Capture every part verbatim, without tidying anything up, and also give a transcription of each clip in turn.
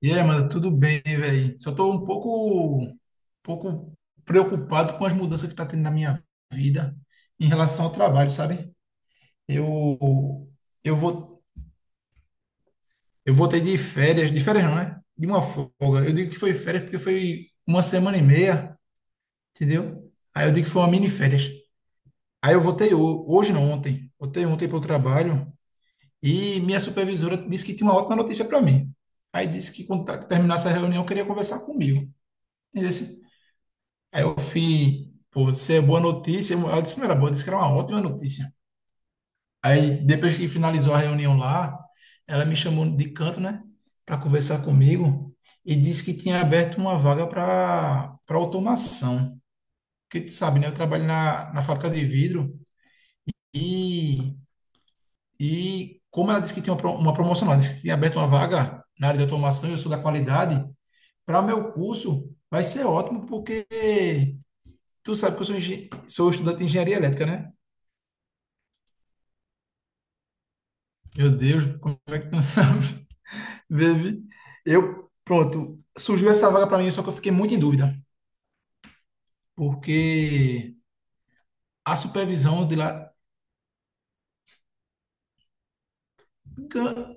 E aí, mano, tudo bem, velho? Só tô um pouco, um pouco preocupado com as mudanças que tá tendo na minha vida em relação ao trabalho, sabe? Eu, eu vou, eu voltei de férias, de férias não, né? De uma folga. Eu digo que foi férias porque foi uma semana e meia, entendeu? Aí eu digo que foi uma mini férias. Aí eu voltei ho- hoje, não, ontem. Voltei ontem para o trabalho e minha supervisora disse que tinha uma ótima notícia para mim. Aí disse que quando tá- terminasse a reunião, queria conversar comigo. Entendeu? Aí eu fui, pô, isso é boa notícia. Ela disse que não era boa, disse que era uma ótima notícia. Aí depois que finalizou a reunião lá, ela me chamou de canto, né, para conversar comigo e disse que tinha aberto uma vaga para para automação. Porque tu sabe, né, eu trabalho na, na fábrica de vidro e, e como ela disse que tinha uma, pro- uma promoção lá, disse que tinha aberto uma vaga na área de automação e eu sou da qualidade, para meu curso vai ser ótimo porque tu sabe que eu sou, engen- sou estudante de engenharia elétrica, né? Meu Deus, como é que tu não sabe? Baby, eu, pronto, surgiu essa vaga para mim, só que eu fiquei muito em dúvida, porque a supervisão de lá. gan-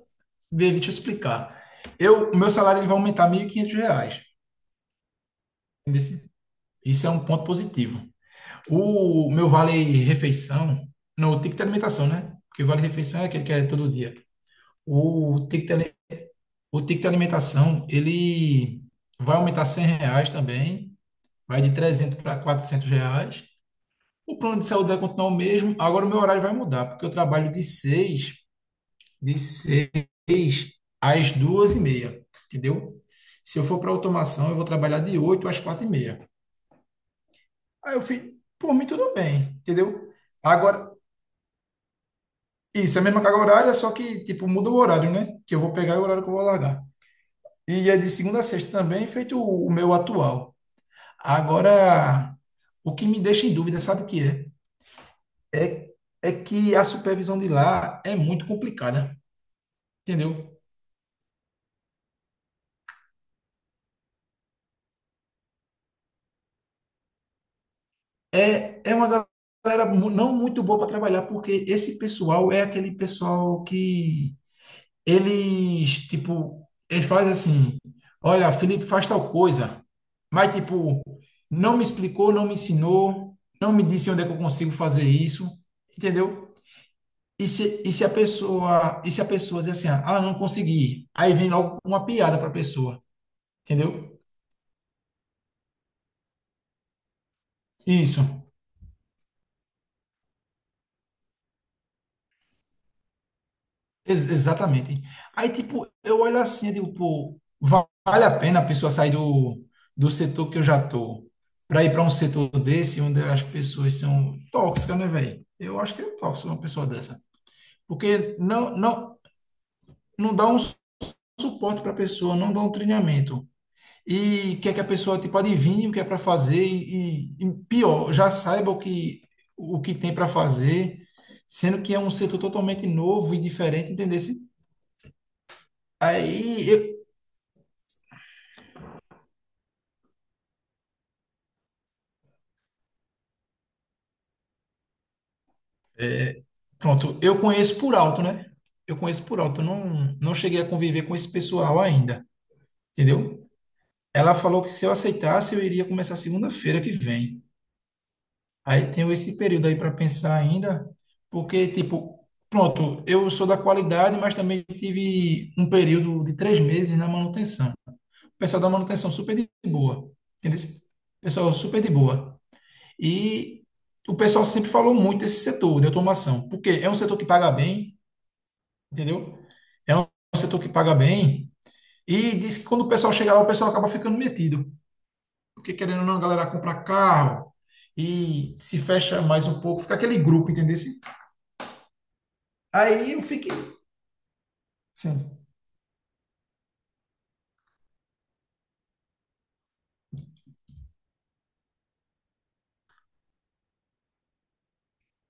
Baby, deixa eu explicar. Eu, o meu salário ele vai aumentar mil e quinhentos reais. Entendesse? Isso é um ponto positivo. O meu vale refeição, não, o ticket de alimentação, né? Porque vale refeição é aquele que é todo dia. O ticket, ali- o ticket de alimentação, ele vai aumentar cem reais também. Vai de trezentos para quatrocentos reais. O plano de saúde vai continuar o mesmo. Agora o meu horário vai mudar, porque eu trabalho de seis, de seis às duas e meia, entendeu? Se eu for para automação, eu vou trabalhar de oito às quatro e meia. Aí eu fiz, por mim tudo bem, entendeu? Agora, isso, é a mesma carga horária, só que, tipo, muda o horário, né? Que eu vou pegar e o horário que eu vou largar. E é de segunda a sexta também, feito o o meu atual. Agora, o que me deixa em dúvida, sabe o que é? É, é que a supervisão de lá é muito complicada, entendeu? É, é uma galera mu- não muito boa para trabalhar, porque esse pessoal é aquele pessoal que eles, tipo, eles fazem assim, olha, Felipe faz tal coisa, mas, tipo, não me explicou, não me ensinou, não me disse onde é que eu consigo fazer isso, entendeu? E se, e se a pessoa, e se a pessoa diz assim, ah, não consegui, aí vem logo uma piada para a pessoa, entendeu? Isso. Ex- exatamente. Aí, tipo, eu olho assim e digo, pô, va- vale a pena a pessoa sair do, do setor que eu já tô para ir para um setor desse, onde as pessoas são tóxicas, né, velho? Eu acho que é tóxico uma pessoa dessa. Porque não, não, não dá um su- suporte para a pessoa, não dá um treinamento. E quer que a pessoa, tipo, adivinhe o que é para fazer e, e, pior, já saiba o que, o que tem para fazer, sendo que é um setor totalmente novo e diferente, entendeu? Aí eu, Pronto, eu conheço por alto, né? Eu conheço por alto, eu não, não cheguei a conviver com esse pessoal ainda, entendeu? Ela falou que se eu aceitasse, eu iria começar segunda-feira que vem. Aí tenho esse período aí para pensar ainda, porque, tipo, pronto, eu sou da qualidade, mas também tive um período de três meses na manutenção. O pessoal da manutenção super de boa, entendeu? O pessoal super de boa. E o pessoal sempre falou muito desse setor de automação, porque é um setor que paga bem, entendeu? É um setor que paga bem e diz que quando o pessoal chega lá, o pessoal acaba ficando metido, porque querendo ou não, a galera compra carro e se fecha mais um pouco, fica aquele grupo, entendeu? Aí eu fiquei assim,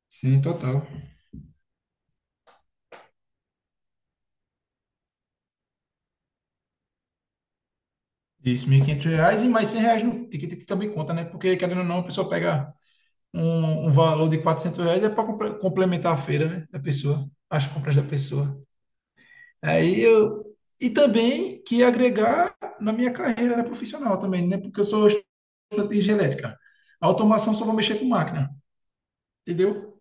sim, total. Isso, mil e quinhentos reais e mais cem reais no ticket que também conta, né? Porque querendo ou não, a pessoa pega um, um valor de quatrocentos reais é para complementar a feira, né? Da pessoa, as compras da pessoa. Aí eu. E também que agregar na minha carreira, né, profissional também, né? Porque eu sou de genética. A automação só vou mexer com máquina, entendeu?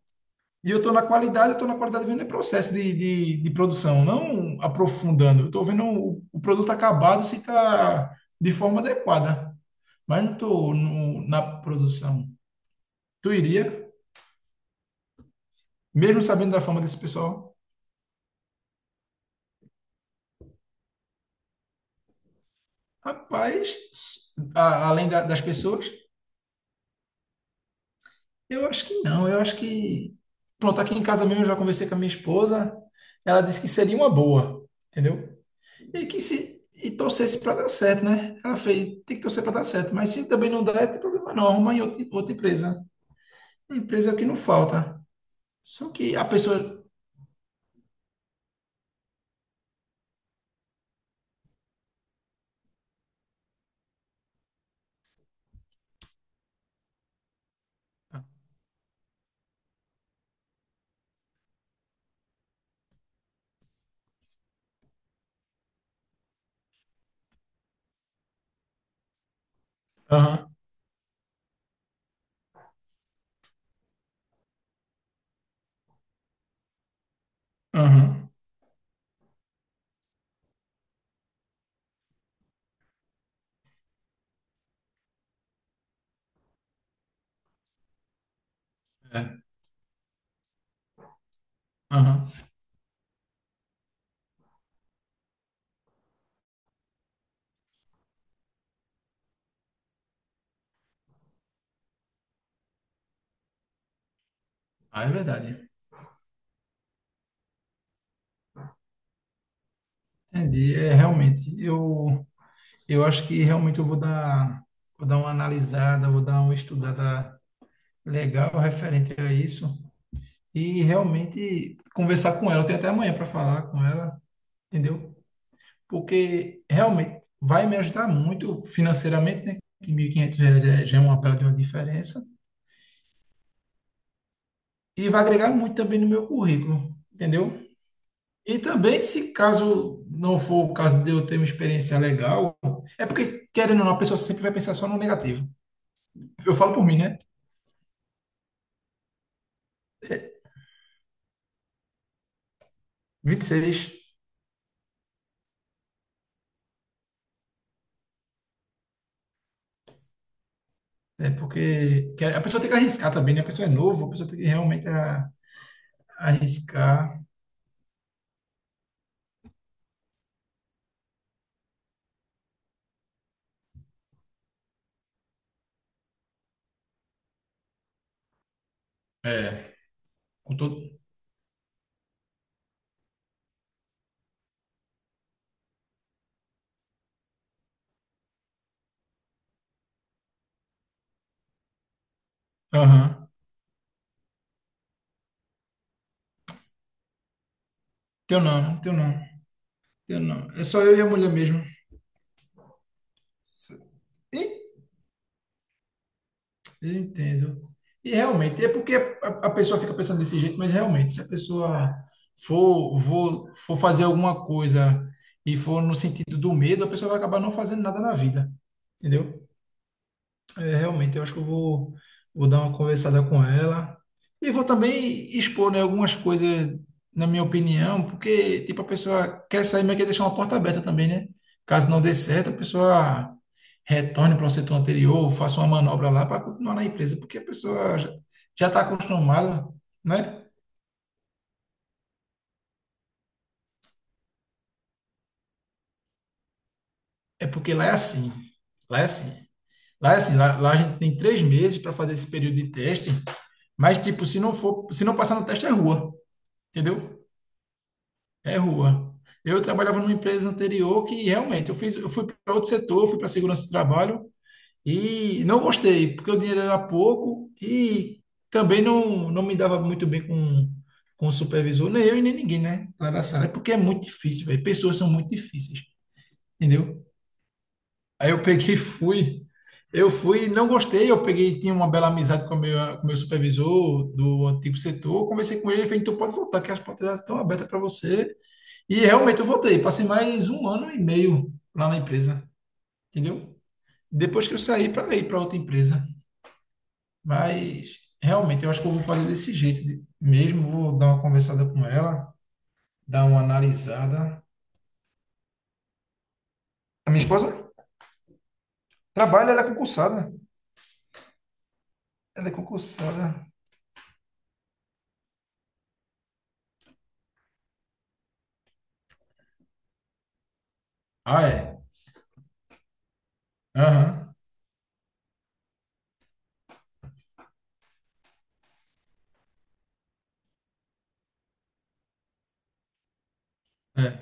E eu estou na qualidade, eu estou na qualidade vendo o processo de, de, de produção, não aprofundando. Eu estou vendo o, o produto acabado se está de forma adequada, mas não estou na produção. Tu iria, mesmo sabendo da fama desse pessoal? Rapaz, a- além da- das pessoas, eu acho que não. Eu acho que. Pronto, aqui em casa mesmo eu já conversei com a minha esposa, ela disse que seria uma boa, entendeu? E que se e torcesse para dar certo, né? Ela fez, tem que torcer para dar certo, mas se também não der, tem problema não, arruma em outra, outra empresa. Empresa é o que não falta. Só que a pessoa. Aham, aham, é, aham. Ah, é verdade. Entendi. É, realmente, eu, eu acho que realmente eu vou dar, vou dar uma analisada, vou dar uma estudada legal referente a isso e realmente conversar com ela. Eu tenho até amanhã para falar com ela, entendeu? Porque realmente vai me ajudar muito financeiramente, né? Que mil e quinhentos reais é- já é uma bela de uma diferença. E vai agregar muito também no meu currículo, entendeu? E também, se caso não for o caso de eu ter uma experiência legal, é porque, querendo ou não, a pessoa sempre vai pensar só no negativo. Eu falo por mim, né? Vinte e seis. É porque quer- a pessoa tem que arriscar também, né? A pessoa é novo, a pessoa tem que realmente a- arriscar. É, com todo. Aham. Teu não, teu não, teu não. É só eu e a mulher mesmo. Se- E- Eu entendo. E realmente, é porque a, a pessoa fica pensando desse jeito, mas realmente, se a pessoa for, for, for fazer alguma coisa e for no sentido do medo, a pessoa vai acabar não fazendo nada na vida. Entendeu? É, realmente, eu acho que eu vou, vou dar uma conversada com ela e vou também expor, né, algumas coisas, na minha opinião, porque, tipo, a pessoa quer sair, mas quer deixar uma porta aberta também, né? Caso não dê certo, a pessoa retorne para o setor anterior, faça uma manobra lá para continuar na empresa, porque a pessoa já está acostumada, né? É porque lá é assim, lá é assim. Lá é assim, lá, lá a gente tem três meses para fazer esse período de teste, mas, tipo, se não for, se não passar no teste, é rua, entendeu? É rua. Eu trabalhava numa empresa anterior que realmente eu fiz, eu fui para outro setor, fui para segurança do trabalho e não gostei, porque o dinheiro era pouco e também não, não me dava muito bem com, com o supervisor, nem eu e nem ninguém, né? Lá da sala, é porque é muito difícil, velho. Pessoas são muito difíceis, entendeu? Aí eu peguei e fui. Eu fui, não gostei, eu peguei, tinha uma bela amizade com o meu, com o meu supervisor do antigo setor, conversei com ele, ele fez, então pode voltar, que as portas já estão abertas para você. E realmente eu voltei. Passei mais um ano e meio lá na empresa, entendeu? Depois que eu saí para ir para outra empresa. Mas realmente eu acho que eu vou fazer desse jeito de- mesmo. Vou dar uma conversada com ela, dar uma analisada. A minha esposa trabalha, ela é concursada. Ela é concursada. Ah, é? Aham. É.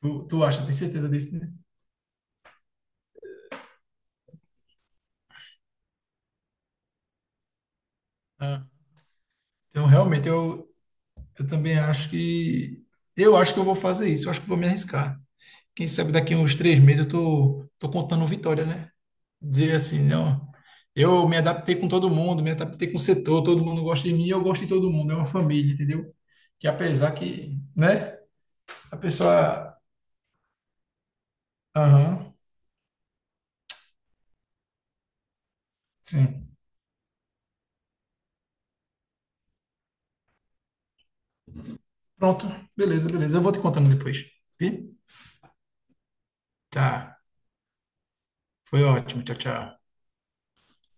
Tu, tu acha, tem certeza disso, né? Ah. Então, realmente, eu, eu, também acho que. Eu acho que eu vou fazer isso. Eu acho que vou me arriscar. Quem sabe daqui a uns três meses eu tô, tô contando vitória, né? Dizer assim, não, eu me adaptei com todo mundo, me adaptei com o setor, todo mundo gosta de mim, eu gosto de todo mundo, é uma família, entendeu? Que apesar que, né, a pessoa, aham, sim. Pronto, beleza, beleza. Eu vou te contando depois. Vi? Tá. Foi ótimo. Tchau, tchau.